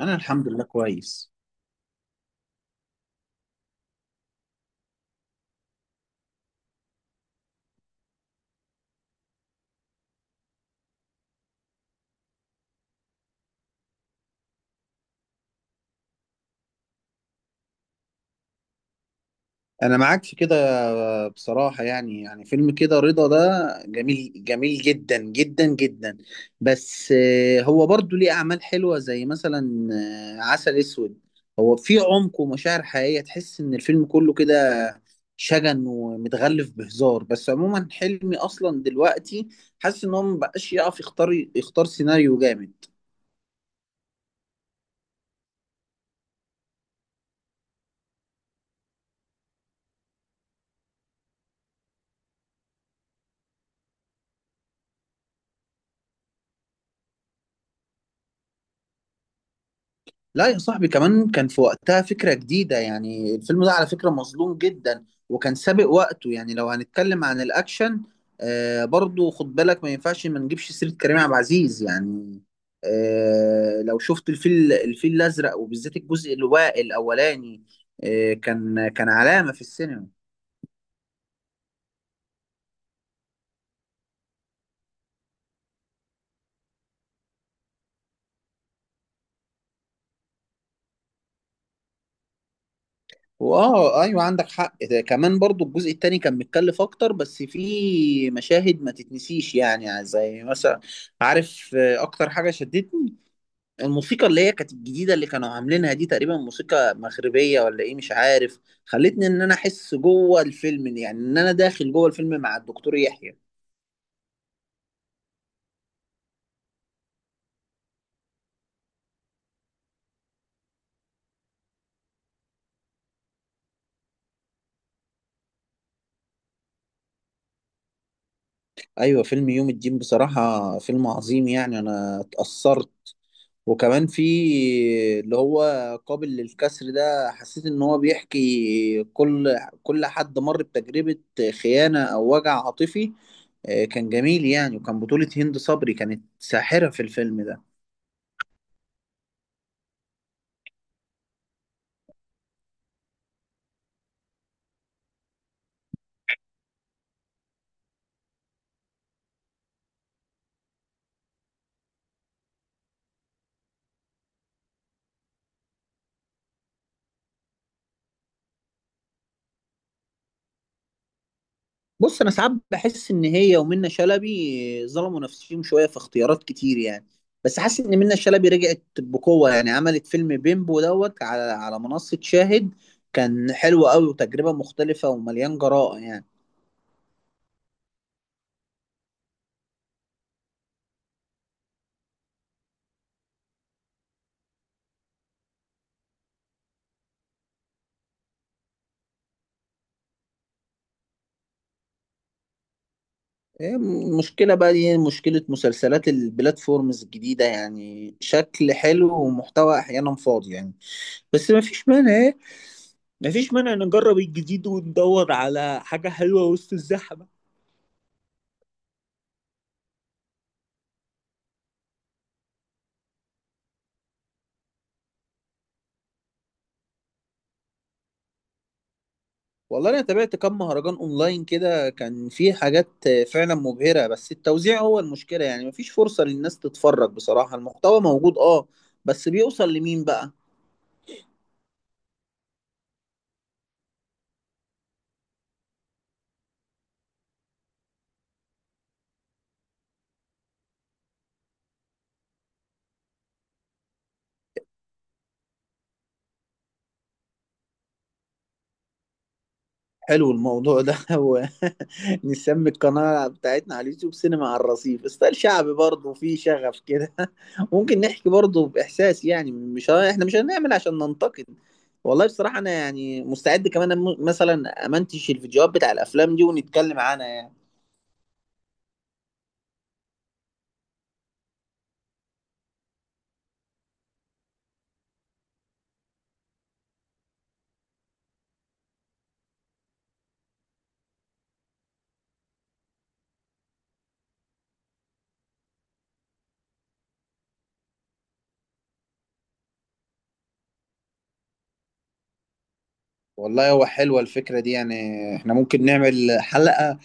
انا الحمد لله كويس. انا معاك في كده. بصراحة يعني فيلم كده رضا ده جميل جميل جدا جدا جدا. بس هو برضو ليه اعمال حلوة زي مثلا عسل اسود. هو في عمق ومشاعر حقيقية، تحس ان الفيلم كله كده شجن ومتغلف بهزار. بس عموما حلمي اصلا دلوقتي حاسس ان هو مبقاش يعرف يختار سيناريو جامد. لا يا صاحبي، كمان كان في وقتها فكرة جديدة. يعني الفيلم ده على فكرة مظلوم جدا وكان سابق وقته. يعني لو هنتكلم عن الأكشن، برضو خد بالك ما ينفعش ما نجيبش سيرة كريم عبد العزيز. يعني لو شفت الفيل الأزرق وبالذات الجزء الأولاني كان علامة في السينما. وآه أيوة عندك حق، ده كمان برضو الجزء التاني كان متكلف أكتر. بس فيه مشاهد ما تتنسيش، يعني زي مثلا عارف أكتر حاجة شدتني الموسيقى اللي هي كانت الجديدة اللي كانوا عاملينها دي، تقريبا موسيقى مغربية ولا ايه مش عارف. خلتني ان انا احس جوه الفيلم، يعني ان انا داخل جوه الفيلم مع الدكتور يحيى. ايوه، فيلم يوم الدين بصراحة فيلم عظيم. يعني انا اتأثرت، وكمان في اللي هو قابل للكسر ده، حسيت ان هو بيحكي كل حد مر بتجربة خيانة او وجع عاطفي. كان جميل، يعني وكان بطولة هند صبري، كانت ساحرة في الفيلم ده. بص، انا ساعات بحس ان هي ومنى شلبي ظلموا نفسهم شويه في اختيارات كتير يعني. بس حاسس ان منى شلبي رجعت بقوه، يعني عملت فيلم بيمبو دوت على منصه شاهد. كان حلو قوي، وتجربه مختلفه ومليان جراءه يعني. إيه، مشكله بقى دي، مشكله مسلسلات البلاتفورمز الجديده، يعني شكل حلو ومحتوى احيانا فاضي يعني. بس ما فيش مانع إيه؟ ما فيش مانع نجرب الجديد وندور على حاجه حلوه وسط الزحمه. والله انا تابعت كام مهرجان اونلاين كده، كان في حاجات فعلا مبهرة. بس التوزيع هو المشكلة، يعني مفيش فرصة للناس تتفرج. بصراحة المحتوى موجود، اه، بس بيوصل لمين بقى؟ حلو الموضوع ده هو نسمي القناة بتاعتنا على اليوتيوب سينما على الرصيف، ستايل شعبي برضه فيه شغف كده ممكن نحكي برضه بإحساس، يعني مش احنا مش هنعمل عشان ننتقد. والله بصراحة أنا يعني مستعد كمان مثلا أمنتش الفيديوهات بتاع الأفلام دي ونتكلم عنها يعني. والله هو حلوة الفكرة دي، يعني احنا ممكن نعمل حلقة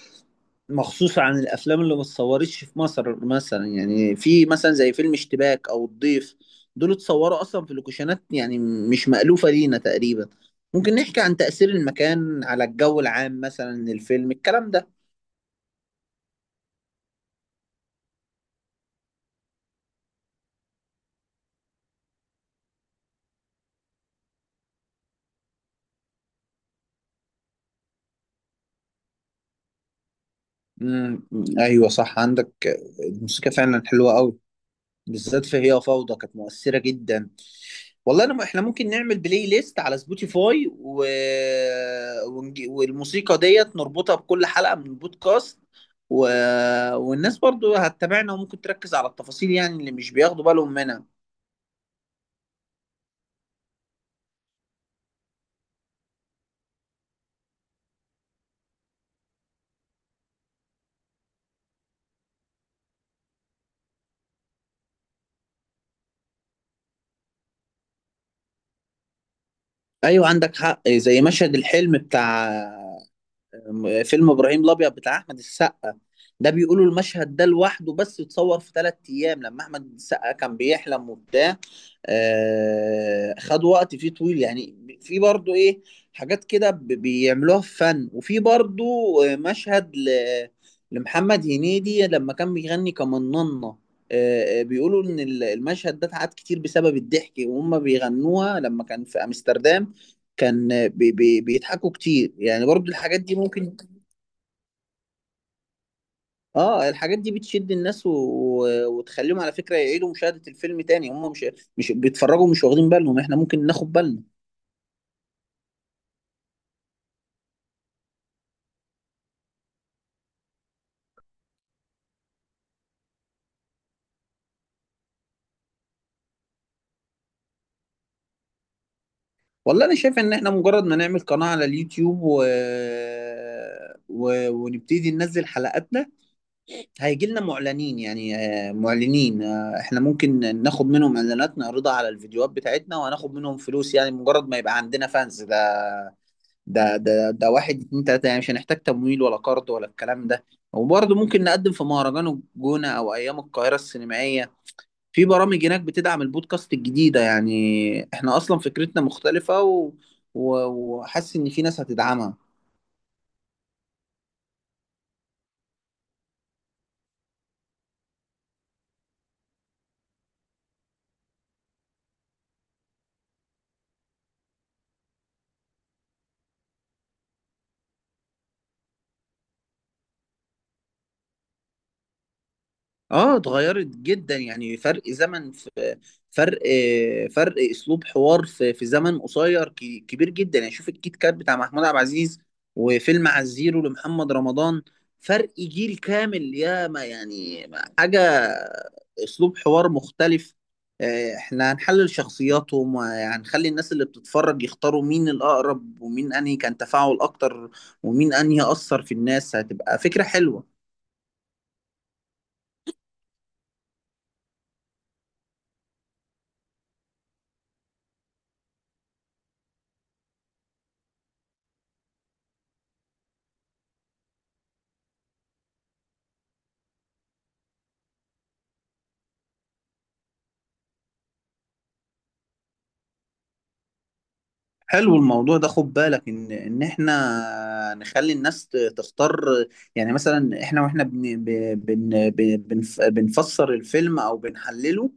مخصوصة عن الأفلام اللي ما اتصورتش في مصر، مثلا يعني في مثلا زي فيلم اشتباك أو الضيف، دول اتصوروا أصلا في لوكيشنات يعني مش مألوفة لينا تقريبا. ممكن نحكي عن تأثير المكان على الجو العام مثلا للفيلم، الكلام ده. امم، أيوة صح عندك. الموسيقى فعلا حلوة أوي، بالذات في هي فوضى، كانت مؤثرة جدا. والله انا احنا ممكن نعمل بلاي ليست على سبوتيفاي، والموسيقى ديت نربطها بكل حلقة من البودكاست، و... والناس برضو هتتابعنا وممكن تركز على التفاصيل، يعني اللي مش بياخدوا بالهم منها. ايوه عندك حق، زي مشهد الحلم بتاع فيلم ابراهيم الابيض بتاع احمد السقا، ده بيقولوا المشهد ده لوحده بس اتصور في 3 ايام لما احمد السقا كان بيحلم وبتاع. خد وقت فيه طويل، يعني في برضو ايه، حاجات كده بيعملوها في فن. وفي برضو مشهد لمحمد هنيدي لما كان بيغني كمننة. بيقولوا ان المشهد ده اتعاد كتير بسبب الضحك وهم بيغنوها لما كان في امستردام. كان بي بي بيضحكوا كتير، يعني برضو الحاجات دي ممكن. اه، الحاجات دي بتشد الناس، وتخليهم على فكرة يعيدوا مشاهدة الفيلم تاني. هم مش بيتفرجوا، مش واخدين بالهم، احنا ممكن ناخد بالنا. والله انا شايف ان احنا مجرد ما نعمل قناة على اليوتيوب ونبتدي ننزل حلقاتنا هيجي لنا معلنين. يعني معلنين، احنا ممكن ناخد منهم اعلانات نعرضها على الفيديوهات بتاعتنا وهناخد منهم فلوس. يعني مجرد ما يبقى عندنا فانز، ده ده واحد اتنين تلاتة، يعني مش هنحتاج تمويل ولا قرض ولا الكلام ده. وبرضه ممكن نقدم في مهرجان الجونة أو أيام القاهرة السينمائية، في برامج هناك بتدعم البودكاست الجديدة. يعني احنا أصلا فكرتنا مختلفة، و... و... وحاسس إن في ناس هتدعمها. اه اتغيرت جدا، يعني فرق زمن، فرق فرق اسلوب حوار في زمن قصير كبير جدا. يعني شوف الكيت كات بتاع محمود عبد العزيز، وفيلم على الزيرو لمحمد رمضان، فرق جيل كامل يا ما. يعني حاجة، اسلوب حوار مختلف. احنا هنحلل شخصياتهم وهنخلي الناس اللي بتتفرج يختاروا مين الاقرب ومين انهي كان تفاعل اكتر، ومين انهي اثر في الناس، هتبقى فكرة حلوة. حلو الموضوع ده، خد بالك ان احنا نخلي الناس تختار. يعني مثلا احنا واحنا بنفسر الفيلم او بنحلله،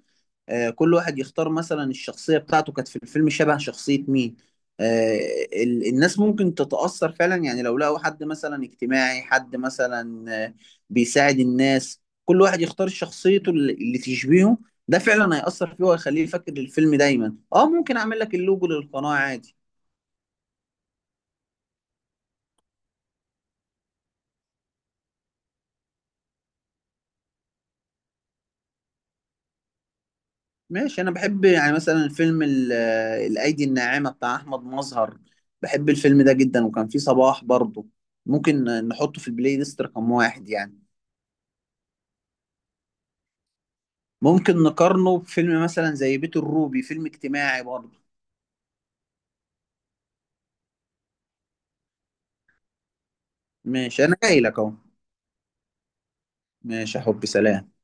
كل واحد يختار مثلا الشخصية بتاعته، كانت في الفيلم شبه شخصية مين. آه، الناس ممكن تتأثر فعلا. يعني لو لقوا حد مثلا اجتماعي، حد مثلا بيساعد الناس، كل واحد يختار شخصيته اللي تشبهه. ده فعلا هيأثر فيه وهيخليه يفكر الفيلم دايما. اه ممكن اعمل لك اللوجو للقناة عادي. ماشي، انا بحب يعني مثلا فيلم الايدي الناعمه بتاع احمد مظهر، بحب الفيلم ده جدا وكان فيه صباح برضه. ممكن نحطه في البلاي ليست رقم 1 يعني. ممكن نقارنه بفيلم مثلا زي بيت الروبي، فيلم اجتماعي برضه. ماشي، انا جاي لك اهو، ماشي يا حبي، سلام.